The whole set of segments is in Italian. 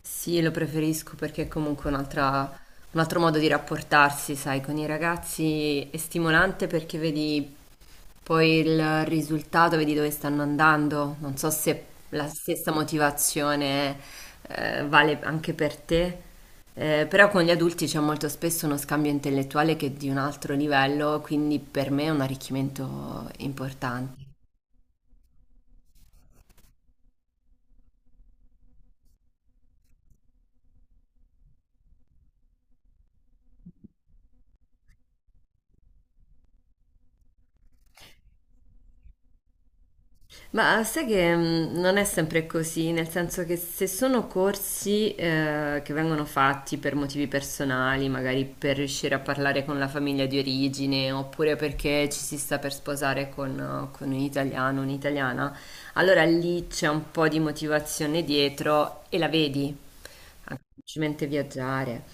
Sì, lo preferisco perché è comunque un altro modo di rapportarsi, sai, con i ragazzi è stimolante perché vedi poi il risultato, vedi dove stanno andando. Non so se la stessa motivazione vale anche per te, però con gli adulti c'è molto spesso uno scambio intellettuale che è di un altro livello, quindi per me è un arricchimento importante. Ma sai che non è sempre così, nel senso che se sono corsi che vengono fatti per motivi personali, magari per riuscire a parlare con la famiglia di origine, oppure perché ci si sta per sposare con un italiano, un'italiana, allora lì c'è un po' di motivazione dietro e la vedi, anche semplicemente viaggiare.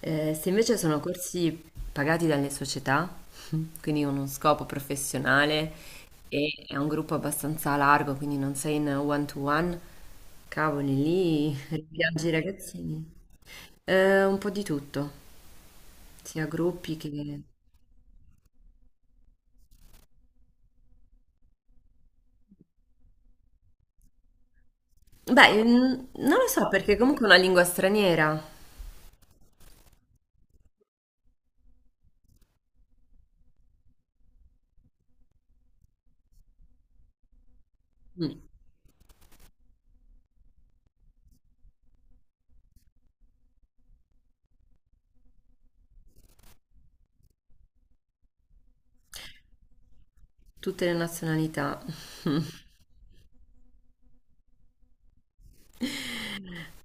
Se invece sono corsi pagati dalle società, quindi con uno scopo professionale, e è un gruppo abbastanza largo, quindi non sei in one to one. Cavoli, lì rimpiangi i ragazzini. Un po' di tutto, sia gruppi che... Beh, non lo so perché comunque è una lingua straniera. Mm. Tutte le nazionalità.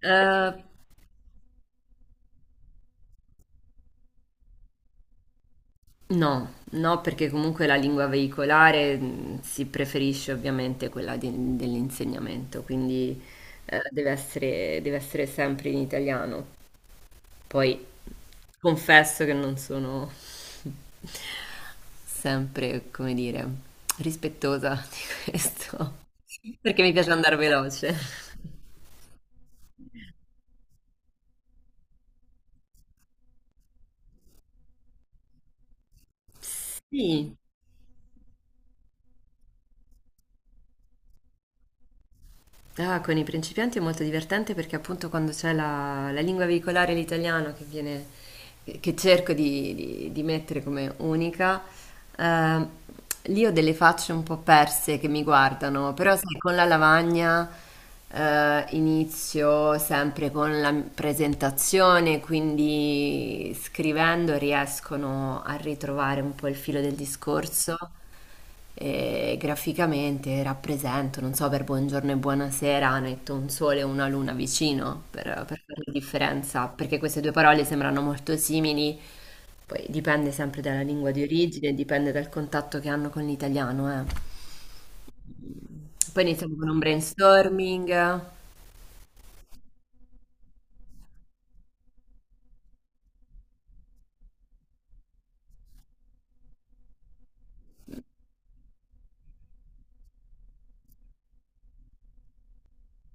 Eh, no, no, perché comunque la lingua veicolare si preferisce ovviamente quella dell'insegnamento, quindi deve essere sempre in italiano. Poi confesso che non sono sempre, come dire, rispettosa di questo, perché mi piace andare veloce. Sì. Ah, con i principianti è molto divertente perché appunto quando c'è la lingua veicolare, l'italiano, che viene, che cerco di mettere come unica, ehm, lì ho delle facce un po' perse che mi guardano, però sai, con la lavagna inizio sempre con la presentazione, quindi scrivendo riescono a ritrovare un po' il filo del discorso e graficamente rappresento, non so, per buongiorno e buonasera metto un sole e una luna vicino per fare la differenza, perché queste due parole sembrano molto simili, poi dipende sempre dalla lingua di origine, dipende dal contatto che hanno con l'italiano, eh. Poi iniziamo con un brainstorming.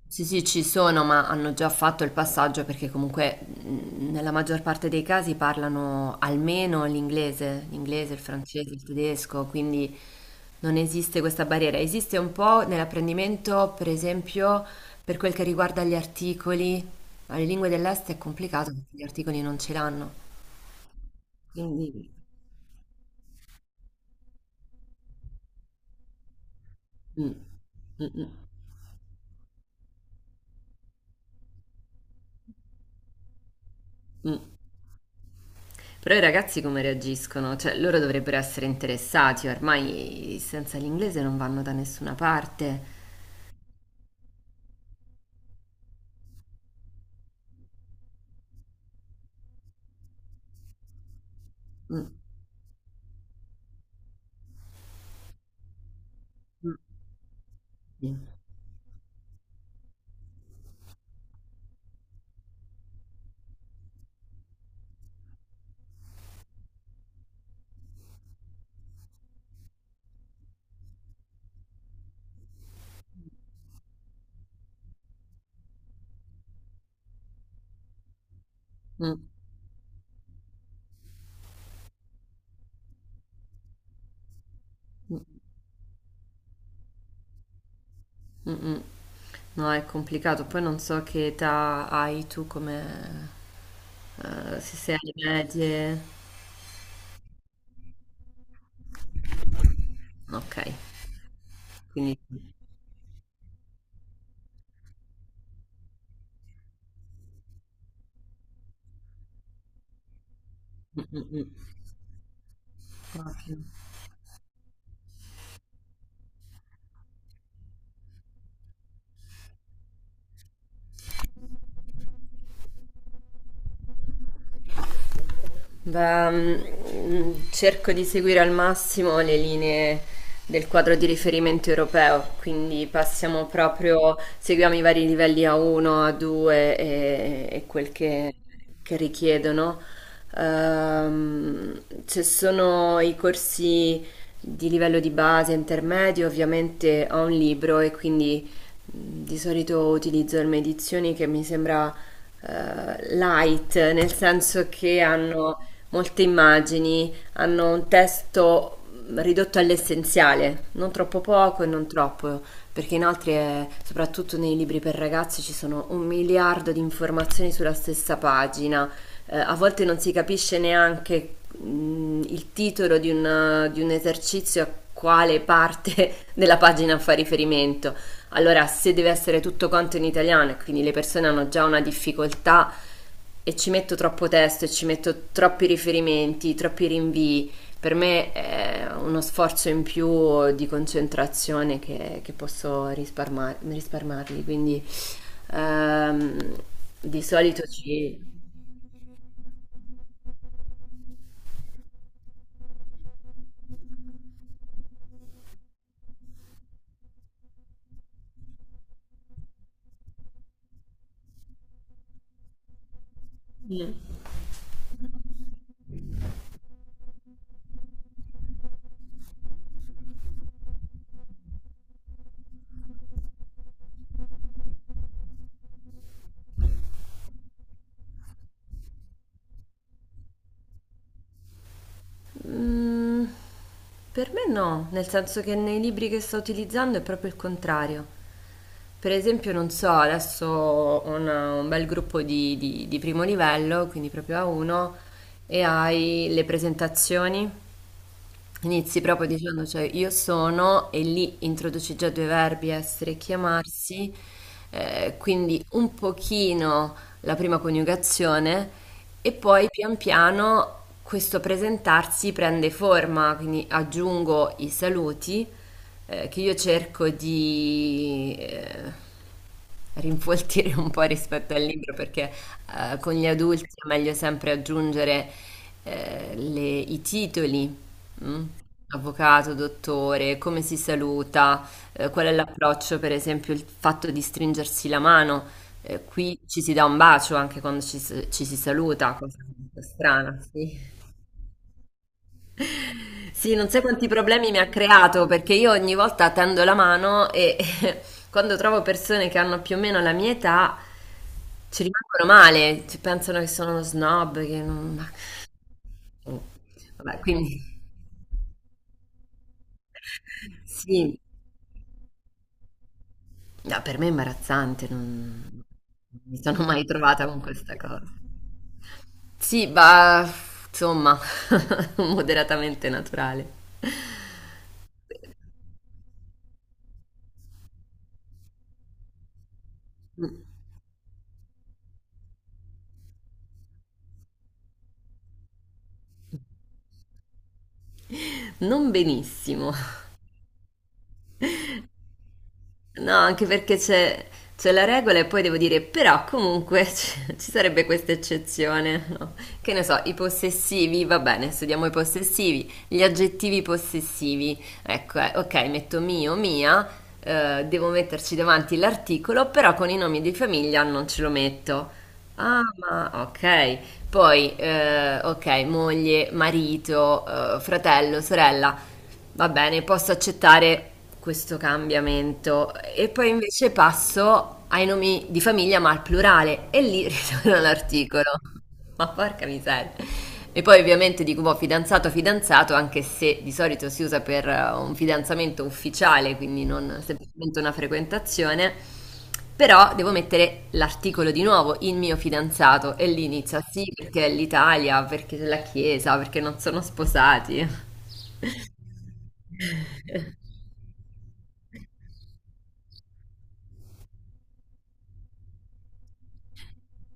Sì, sì, ci sono, ma hanno già fatto il passaggio perché comunque nella maggior parte dei casi parlano almeno l'inglese, il francese, il tedesco, quindi non esiste questa barriera. Esiste un po' nell'apprendimento, per esempio, per quel che riguarda gli articoli, ma le lingue dell'est è complicato perché gli articoli non ce l'hanno. Quindi... mm, mm, mm, mm. Però i ragazzi come reagiscono? Cioè, loro dovrebbero essere interessati, ormai senza l'inglese non vanno da nessuna parte. Mm, mm, sì. Mm, mm, mm, mm. No, è complicato. Poi non so che età hai tu come... se sei alle medie. Ok, quindi... sì. Mm, mm, mm. Ok. Beh, cerco di seguire al massimo le linee del quadro di riferimento europeo, quindi passiamo proprio, seguiamo i vari livelli A1, A2 e quel che richiedono. Ehm, Ci sono i corsi di livello di base, intermedio, ovviamente ho un libro e quindi di solito utilizzo delle edizioni che mi sembra light, nel senso che hanno molte immagini, hanno un testo ridotto all'essenziale, non troppo poco e non troppo, perché inoltre, soprattutto nei libri per ragazzi, ci sono un miliardo di informazioni sulla stessa pagina. A volte non si capisce neanche il titolo di un esercizio a quale parte della pagina fa riferimento. Allora, se deve essere tutto quanto in italiano e quindi le persone hanno già una difficoltà e ci metto troppo testo e ci metto troppi riferimenti, troppi rinvii, per me è uno sforzo in più di concentrazione che posso risparmarmi, quindi ehm, di solito ci... Mm, per me no, nel senso che nei libri che sto utilizzando è proprio il contrario. Per esempio, non so, adesso ho un bel gruppo di primo livello, quindi proprio A1, e hai le presentazioni. Inizi proprio dicendo, cioè io sono e lì introduci già due verbi, essere e chiamarsi, quindi un pochino la prima coniugazione e poi pian piano questo presentarsi prende forma, quindi aggiungo i saluti che io cerco di rinfoltire un po' rispetto al libro perché con gli adulti è meglio sempre aggiungere i titoli. Mm. Avvocato, dottore, come si saluta? Qual è l'approccio, per esempio, il fatto di stringersi la mano? Qui ci si dà un bacio anche quando ci si saluta, cosa molto strana, sì. Sì, non sai quanti problemi mi ha creato perché io ogni volta tendo la mano e quando trovo persone che hanno più o meno la mia età ci rimangono male, ci pensano che sono uno snob, che non... Vabbè, quindi sì. No, per me è imbarazzante, non mi sono mai trovata con questa cosa. Sì, bah, insomma, moderatamente naturale. Non benissimo. No, anche perché c'è la regola e poi devo dire, però comunque ci sarebbe questa eccezione, no? Che ne so, i possessivi, va bene, studiamo i possessivi, gli aggettivi possessivi, ecco, ok, metto mio, mia, devo metterci davanti l'articolo, però con i nomi di famiglia non ce lo metto. Ah, ma ok. Poi, ok, moglie, marito, fratello, sorella, va bene, posso accettare questo cambiamento. E poi invece passo ai nomi di famiglia, ma al plurale, e lì ritorno all'articolo. Ma porca miseria. E poi ovviamente dico, boh, fidanzato, fidanzato, anche se di solito si usa per un fidanzamento ufficiale, quindi non semplicemente una frequentazione, però devo mettere l'articolo di nuovo, il mio fidanzato, e lì inizia sì perché è l'Italia, perché è la Chiesa, perché non sono sposati.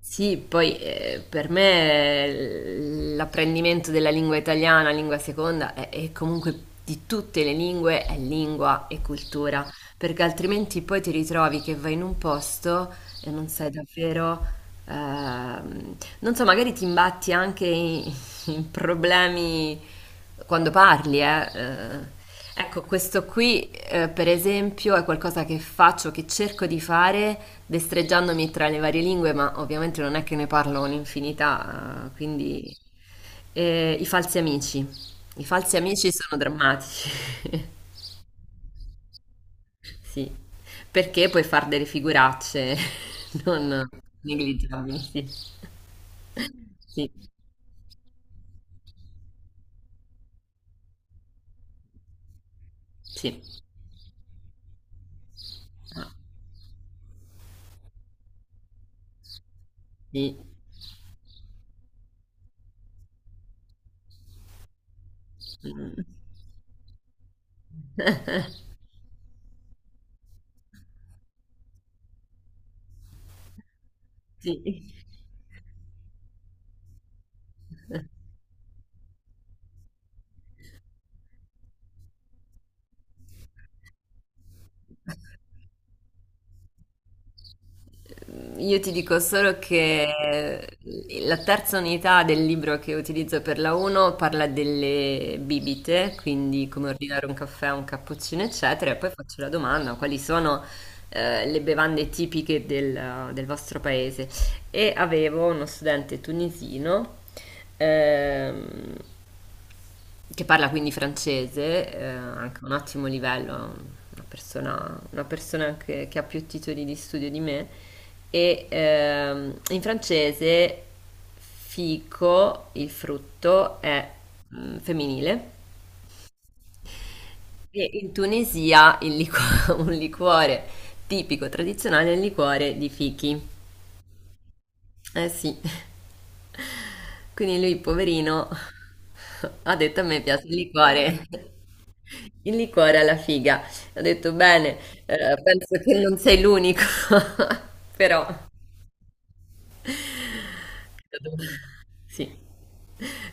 Sì, poi per me l'apprendimento della lingua italiana, lingua seconda, e comunque di tutte le lingue, è lingua e cultura, perché altrimenti poi ti ritrovi che vai in un posto e non sai davvero. Non so, magari ti imbatti anche in problemi quando parli, eh. Ecco, questo qui, per esempio, è qualcosa che faccio, che cerco di fare, destreggiandomi tra le varie lingue, ma ovviamente non è che ne parlo un'infinità, quindi i falsi amici. I falsi amici sono drammatici, sì, perché puoi fare delle figuracce non negligentabili, sì. Sì, sì. Ah, sì. Mm. Sì. Io ti dico solo che la terza unità del libro che utilizzo per la 1 parla delle bibite, quindi come ordinare un caffè, un cappuccino, eccetera, e poi faccio la domanda, quali sono le bevande tipiche del, del vostro paese? E avevo uno studente tunisino ehm, Che parla quindi francese, anche un ottimo livello, una persona che ha più titoli di studio di me. E in francese fico, il frutto, è femminile. E in Tunisia un liquore tipico, tradizionale, è il liquore di fichi. Eh sì, quindi lui, poverino, ha detto a me piace il liquore. Il liquore alla figa. Ho detto bene, penso che non sei l'unico, però sì.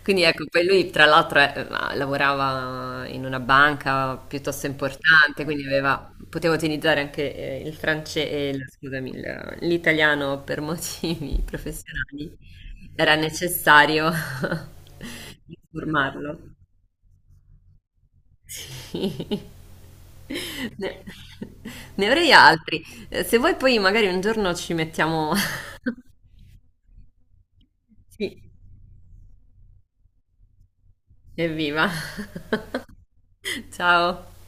Quindi ecco, poi lui tra l'altro lavorava in una banca piuttosto importante, quindi aveva, poteva utilizzare anche il francese, scusami, l'italiano per motivi professionali. Era necessario informarlo. Sì. Ne ne avrei altri. Se vuoi poi magari un giorno ci mettiamo Sì, evviva. Ciao.